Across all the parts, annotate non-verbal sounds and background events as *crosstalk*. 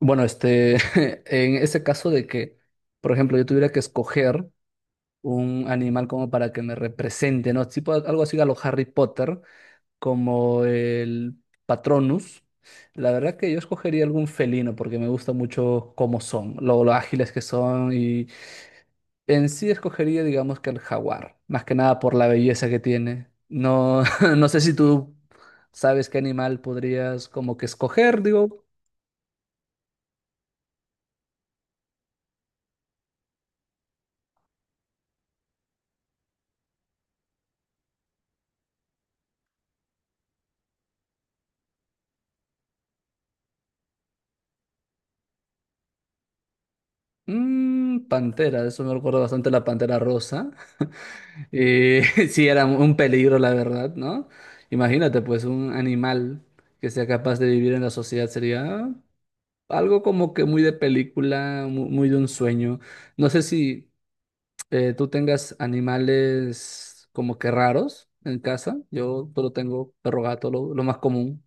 Bueno, este, *laughs* en ese caso de que, por ejemplo, yo tuviera que escoger un animal como para que me represente, ¿no? Tipo algo así a lo Harry Potter, como el Patronus. La verdad que yo escogería algún felino porque me gusta mucho cómo son, lo ágiles que son y en sí escogería, digamos que el jaguar, más que nada por la belleza que tiene. No, *laughs* no sé si tú sabes qué animal podrías como que escoger, digo. Mm, Pantera, eso me recuerda bastante a la Pantera Rosa. Eh, *laughs* sí, era un peligro, la verdad, ¿no? Imagínate, pues, un animal que sea capaz de vivir en la sociedad sería algo como que muy de película, muy, de un sueño. No sé si tú tengas animales como que raros en casa. Yo solo tengo perro gato, lo más común.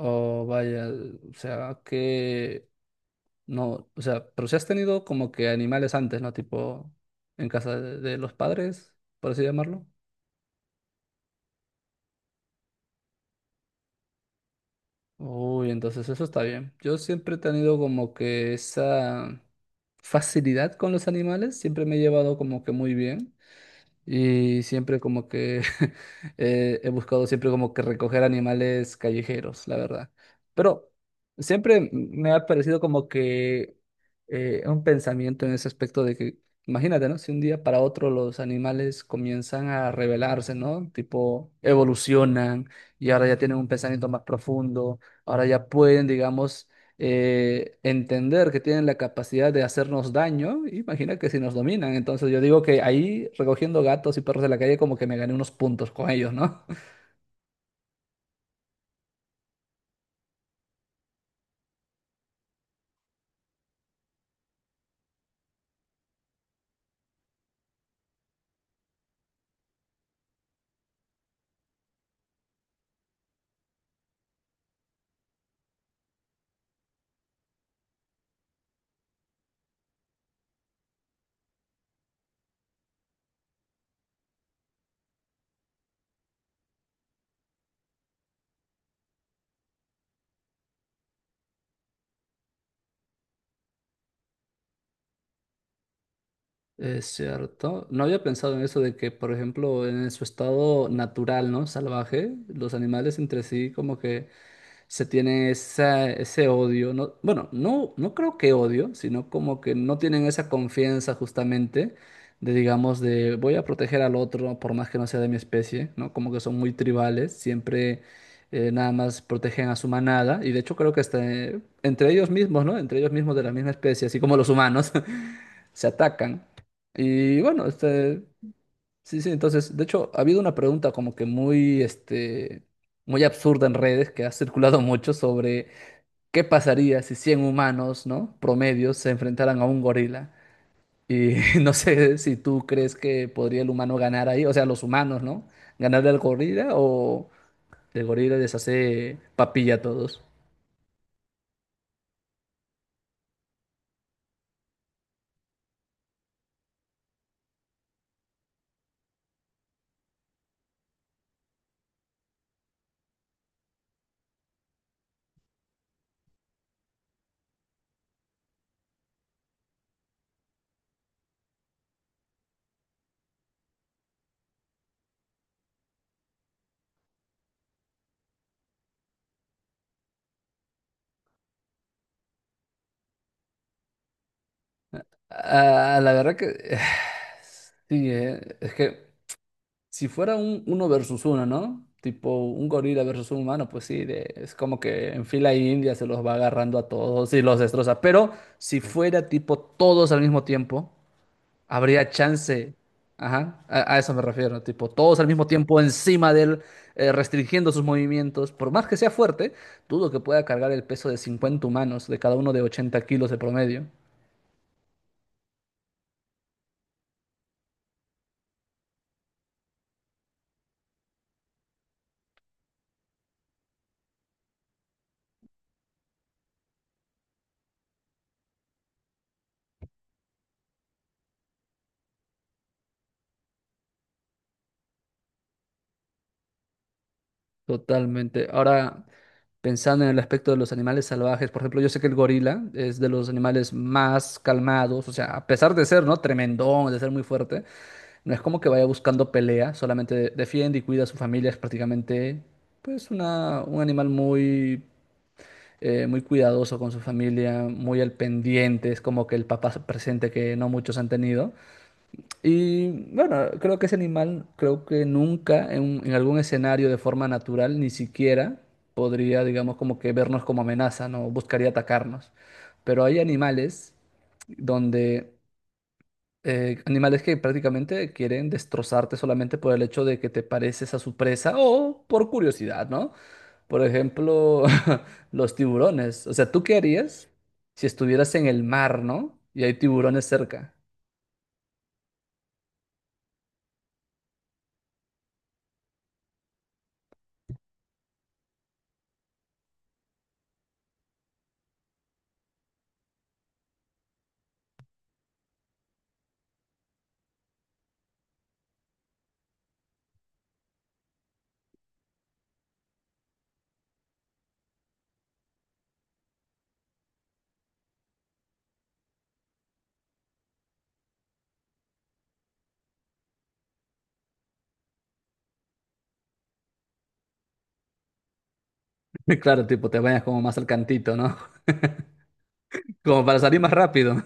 Oh, vaya, o sea, que no, o sea, pero si has tenido como que animales antes, ¿no? Tipo en casa de los padres, por así llamarlo. Uy, entonces eso está bien. Yo siempre he tenido como que esa facilidad con los animales, siempre me he llevado como que muy bien. Y siempre como que *laughs* he buscado siempre como que recoger animales callejeros, la verdad. Pero siempre me ha parecido como que un pensamiento en ese aspecto de que, imagínate, ¿no? Si un día para otro los animales comienzan a rebelarse, ¿no? Tipo, evolucionan y ahora ya tienen un pensamiento más profundo, ahora ya pueden, digamos, entender que tienen la capacidad de hacernos daño, imagina que si nos dominan. Entonces yo digo que ahí recogiendo gatos y perros de la calle como que me gané unos puntos con ellos, ¿no? *laughs* Es cierto. No había pensado en eso de que, por ejemplo, en su estado natural, ¿no? Salvaje, los animales entre sí como que se tiene ese odio, no, bueno, no, no creo que odio, sino como que no tienen esa confianza justamente de, digamos, de voy a proteger al otro por más que no sea de mi especie, ¿no? Como que son muy tribales, siempre nada más protegen a su manada y de hecho creo que hasta entre ellos mismos, ¿no? Entre ellos mismos de la misma especie, así como los humanos, *laughs* se atacan. Y bueno, este, sí, sí, entonces, de hecho, ha habido una pregunta como que muy, este, muy absurda en redes que ha circulado mucho sobre qué pasaría si 100 humanos, ¿no? Promedios se enfrentaran a un gorila. Y *laughs* no sé si tú crees que podría el humano ganar ahí, o sea, los humanos, ¿no? Ganarle al gorila o el gorila les hace papilla a todos. Ah, la verdad que *sighs* sí, es que si fuera un uno versus uno, ¿no? Tipo un gorila versus un humano, pues sí, es como que en fila india se los va agarrando a todos y los destroza. Pero si fuera tipo todos al mismo tiempo, habría chance. Ajá, a eso me refiero. Tipo todos al mismo tiempo encima de él, restringiendo sus movimientos. Por más que sea fuerte, dudo que pueda cargar el peso de 50 humanos, de cada uno de 80 kilos de promedio. Totalmente. Ahora, pensando en el aspecto de los animales salvajes, por ejemplo, yo sé que el gorila es de los animales más calmados, o sea, a pesar de ser, ¿no? Tremendón, de ser muy fuerte, no es como que vaya buscando pelea, solamente defiende y cuida a su familia, es prácticamente, pues, un animal muy, muy cuidadoso con su familia, muy al pendiente, es como que el papá presente que no muchos han tenido. Y bueno, creo que ese animal, creo que nunca en algún escenario de forma natural, ni siquiera podría, digamos, como que vernos como amenaza, ¿no? Buscaría atacarnos. Pero hay animales donde, animales que prácticamente quieren destrozarte solamente por el hecho de que te pareces a su presa o por curiosidad, ¿no? Por ejemplo, *laughs* los tiburones. O sea, ¿tú qué harías si estuvieras en el mar, ¿no? Y hay tiburones cerca. *laughs* Claro, tipo, te bañas como más al cantito, no, como para salir más rápido.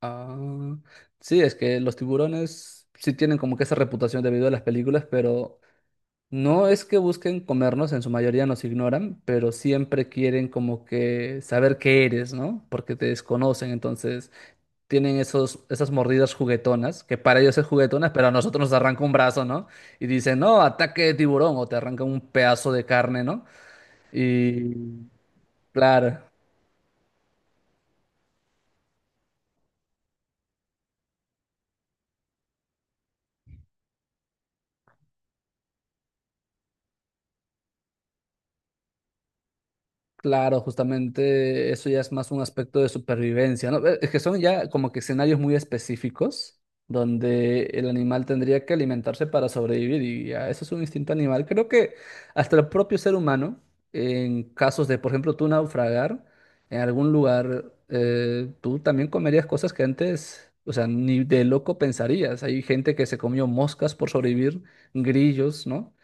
Ah, sí, es que los tiburones sí tienen como que esa reputación debido a las películas, pero no es que busquen comernos, en su mayoría nos ignoran, pero siempre quieren como que saber qué eres, ¿no? Porque te desconocen, entonces tienen esas mordidas juguetonas, que para ellos es juguetonas, pero a nosotros nos arranca un brazo, ¿no? Y dicen, no, ataque de tiburón, o te arranca un pedazo de carne, ¿no? Y claro. Claro, justamente eso ya es más un aspecto de supervivencia, ¿no? Es que son ya como que escenarios muy específicos donde el animal tendría que alimentarse para sobrevivir y ya, eso es un instinto animal. Creo que hasta el propio ser humano, en casos de, por ejemplo, tú naufragar en algún lugar, tú también comerías cosas que antes, o sea, ni de loco pensarías. Hay gente que se comió moscas por sobrevivir, grillos, ¿no?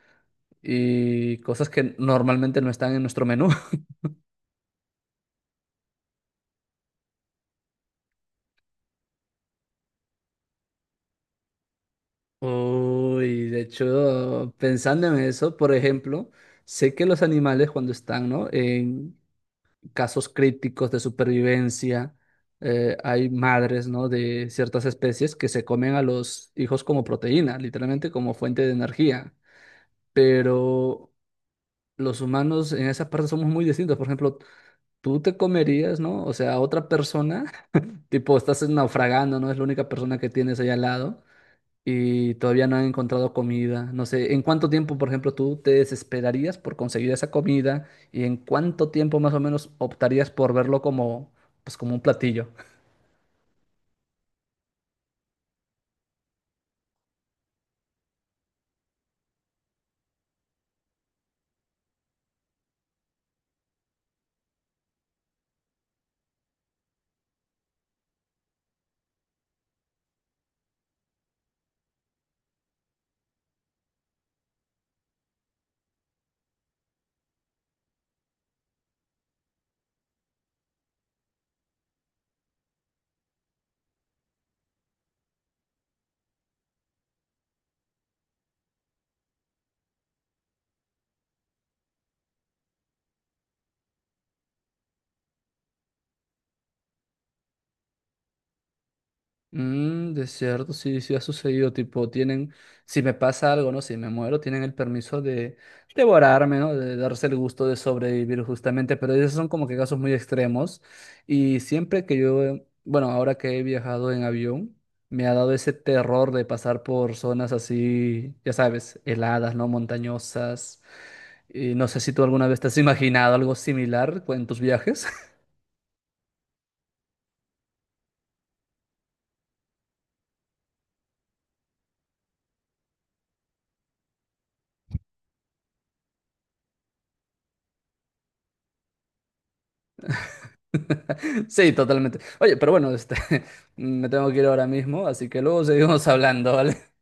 Y cosas que normalmente no están en nuestro menú. Uy, de hecho, pensando en eso, por ejemplo, sé que los animales cuando están, ¿no? En casos críticos de supervivencia, hay madres, ¿no? De ciertas especies que se comen a los hijos como proteína, literalmente como fuente de energía. Pero los humanos en esa parte somos muy distintos. Por ejemplo, tú te comerías, ¿no? O sea, a otra persona, *laughs* tipo, estás naufragando, ¿no? Es la única persona que tienes ahí al lado y todavía no han encontrado comida. No sé, ¿en cuánto tiempo, por ejemplo, tú te desesperarías por conseguir esa comida y en cuánto tiempo más o menos optarías por verlo como, pues, como un platillo? Mm, de cierto, sí, sí ha sucedido, tipo, tienen, si me pasa algo, ¿no? Si me muero, tienen el permiso de devorarme, ¿no? De darse el gusto de sobrevivir justamente, pero esos son como que casos muy extremos. Y siempre que yo, bueno, ahora que he viajado en avión, me ha dado ese terror de pasar por zonas así, ya sabes, heladas, ¿no? Montañosas. Y no sé si tú alguna vez te has imaginado algo similar pues, en tus viajes. *laughs* Sí, totalmente. Oye, pero bueno, este, *laughs* me tengo que ir ahora mismo, así que luego seguimos hablando, ¿vale?